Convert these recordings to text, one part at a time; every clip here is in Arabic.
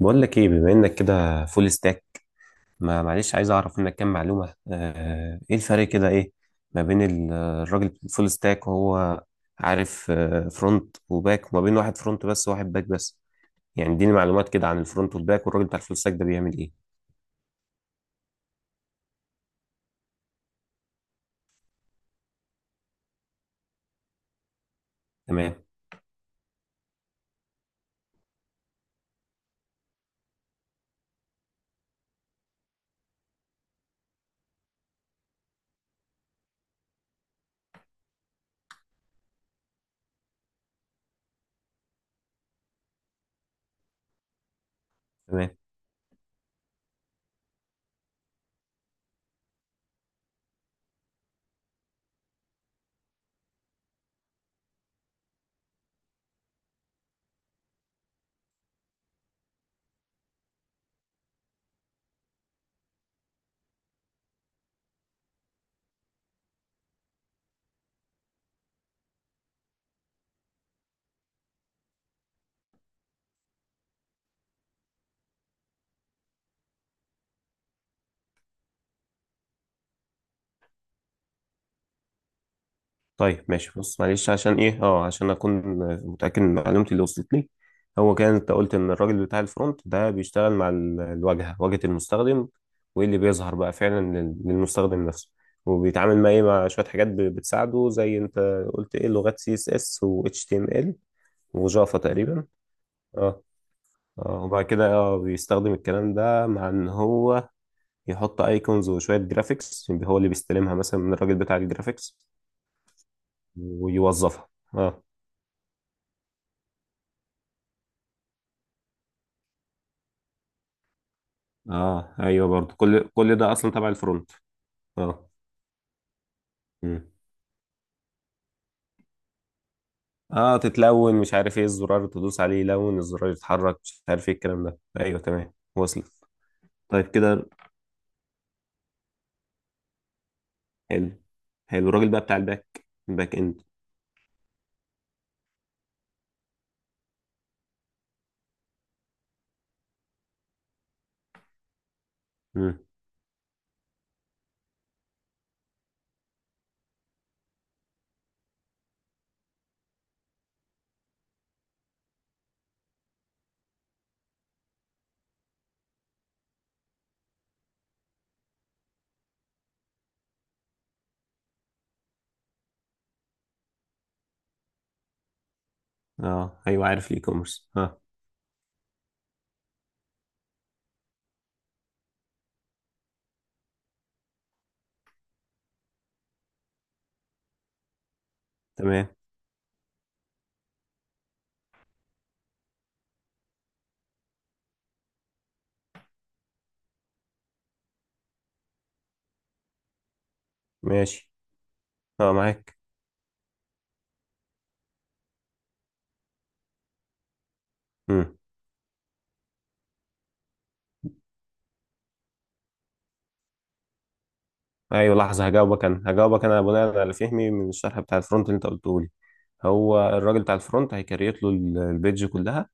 بقول لك ايه؟ بما انك كده فول ستاك، ما معلش عايز اعرف منك كام معلومه. ايه الفرق كده، ايه ما بين الراجل فول ستاك وهو عارف فرونت وباك، وما بين واحد فرونت بس وواحد باك بس؟ يعني اديني معلومات كده عن الفرونت والباك، والراجل بتاع الفول ستاك ده بيعمل ايه؟ تمام. تمام. طيب ماشي بص، معلش عشان ايه، عشان اكون متاكد من معلومتي اللي وصلت لي. هو كان انت قلت ان الراجل بتاع الفرونت ده بيشتغل مع الواجهه، واجهه المستخدم، وايه اللي بيظهر بقى فعلا للمستخدم نفسه. وبيتعامل مع ايه؟ مع شويه حاجات بتساعده، زي انت قلت ايه؟ لغات سي اس اس و اتش تي ام ال، وجافا تقريبا. اه. اه. وبعد كده بيستخدم الكلام ده، مع ان هو يحط ايكونز وشويه جرافيكس، هو اللي بيستلمها مثلا من الراجل بتاع الجرافيكس ويوظفها. آه. اه ايوه، برضو كل ده اصلا تبع الفرونت. اه. مم. اه تتلون مش عارف ايه، الزرار تدوس عليه يلون، الزرار يتحرك مش عارف ايه الكلام ده، ايوه تمام وصلت. طيب كده حلو. حلو. الراجل بقى بتاع الباك، الباك اند. مم. اه ايوه، عارف الاي كوميرس، اه. تمام. ماشي. اه معاك. مم. ايوه لحظه، هجاوبك انا بناء على فهمي من الشرح بتاع الفرونت اللي انت قلته لي. هو الراجل بتاع الفرونت هيكريت له البيدج كلها،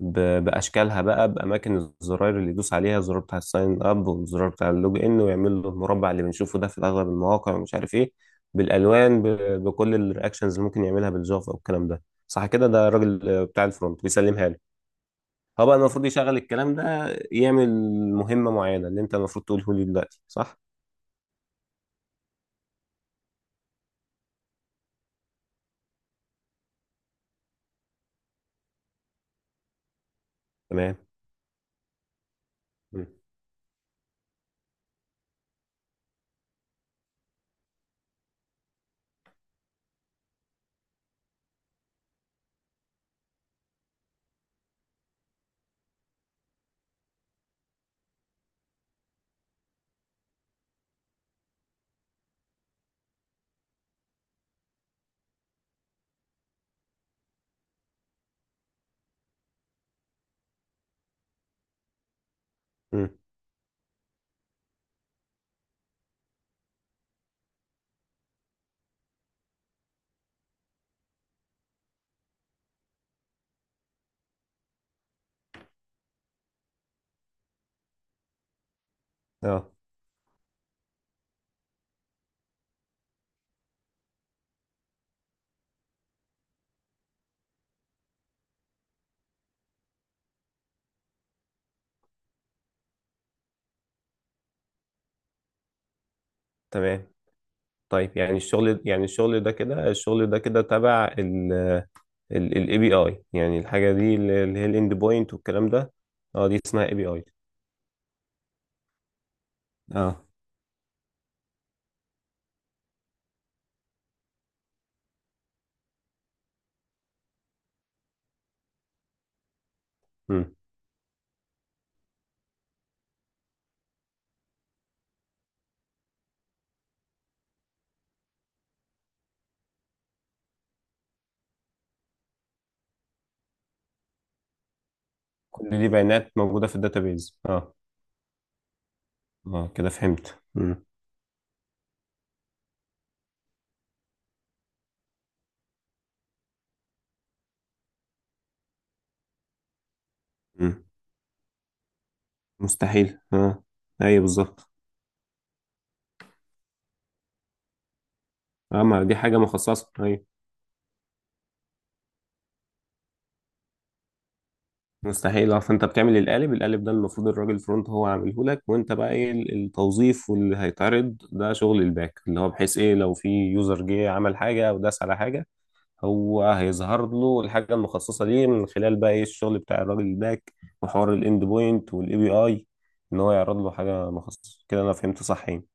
باشكالها بقى، باماكن الزراير اللي يدوس عليها، الزرار بتاع الساين اب والزرار بتاع اللوج ان، ويعمل له المربع اللي بنشوفه ده في اغلب المواقع ومش عارف ايه، بالالوان، بكل الرياكشنز اللي ممكن يعملها بالجافا والكلام ده. صح كده؟ ده الراجل بتاع الفرونت بيسلمها لي. هو بقى المفروض يشغل الكلام ده، يعمل مهمه معينه، اللي انت المفروض تقوله لي دلوقتي، صح؟ تمام. مم. مم. اه. تمام. طيب، يعني الشغل، يعني الشغل ده كده تبع الاي بي اي، يعني الحاجة دي اللي هي الاند بوينت والكلام ده. اه دي اسمها اي بي اي. اه. امم كل دي بيانات موجودة في الداتابيز، اه. اه كده فهمت. امم مستحيل اه. ايوه بالظبط. اه، ما دي حاجة مخصصة، ايوه. مستحيل اه. فانت بتعمل القالب ده المفروض الراجل الفرونت هو عامله لك، وانت بقى ايه؟ التوظيف واللي هيتعرض، ده شغل الباك، اللي هو بحيث ايه؟ لو في يوزر جه عمل حاجة او داس على حاجة، هو هيظهر له الحاجه المخصصه ليه من خلال بقى ايه؟ الشغل بتاع الراجل الباك، وحوار الاند بوينت والاي بي اي، ان هو يعرض له حاجه مخصصه كده. انا فهمت صح يعني؟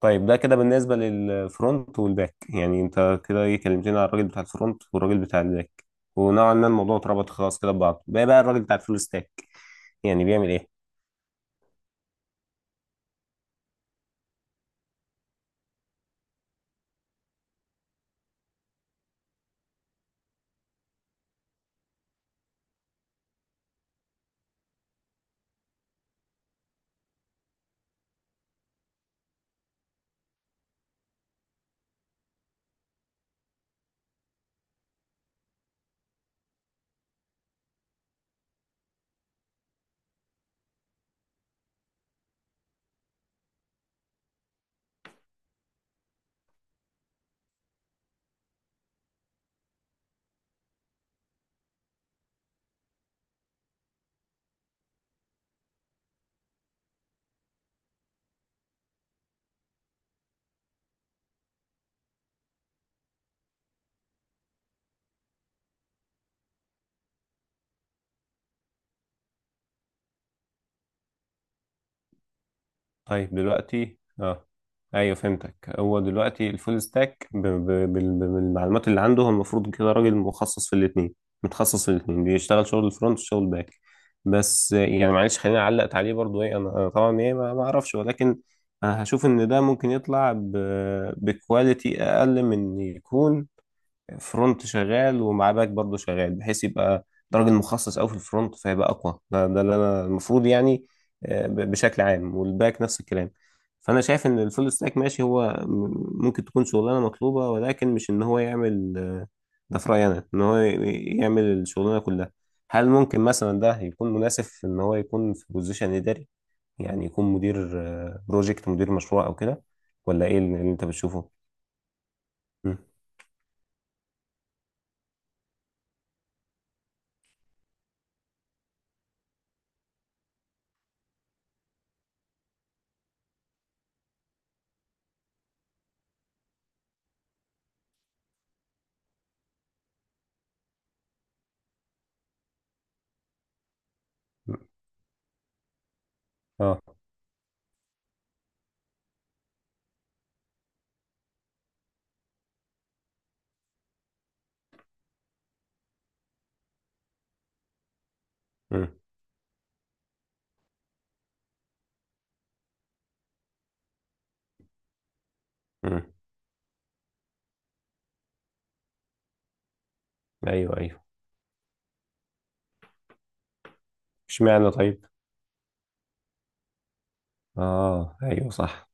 طيب، ده كده بالنسبه للفرونت والباك، يعني انت كده ايه، كلمتني على الراجل بتاع الفرونت والراجل بتاع الباك، ونوعا ما الموضوع اتربط خلاص كده ببعضه، بقى الراجل بتاع الفول ستاك يعني بيعمل ايه؟ طيب دلوقتي اه، ايوه فهمتك. هو دلوقتي الفول ستاك بالمعلومات اللي عنده، هو المفروض كده راجل مخصص في الاثنين متخصص في الاثنين، بيشتغل شغل الفرونت وشغل الباك. بس يعني معلش خليني علقت عليه برضو. ايه، انا، طبعا ايه، ما اعرفش، ولكن أنا هشوف ان ده ممكن يطلع بكواليتي اقل من إن يكون فرونت شغال ومعاه باك برضه شغال، بحيث يبقى ده راجل مخصص قوي في الفرونت فيبقى اقوى. ده اللي انا المفروض يعني بشكل عام، والباك نفس الكلام. فانا شايف ان الفول ستاك ماشي، هو ممكن تكون شغلانه مطلوبه، ولكن مش ان هو يعمل ده في رايي انا، ان هو يعمل الشغلانه كلها. هل ممكن مثلا ده يكون مناسب في ان هو يكون في بوزيشن اداري، يعني يكون مدير بروجكت، مدير مشروع او كده؟ ولا ايه اللي انت بتشوفه؟ مم. اه. مم. مم. ايوه، ايوه. اشمعنى طيب؟ اه ايوه صح.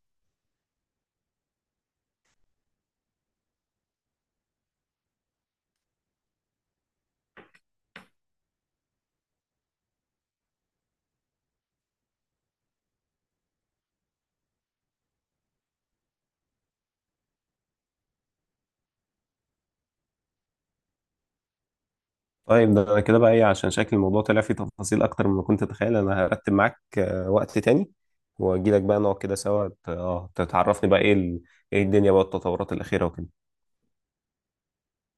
طيب ده، انا كده بقى ايه؟ عشان شكل الموضوع طلع فيه تفاصيل اكتر مما كنت اتخيل، انا هرتب معاك وقت تاني، واجي لك بقى نقعد كده سوا، تتعرفني بقى ايه ايه الدنيا بقى، التطورات الاخيره وكده.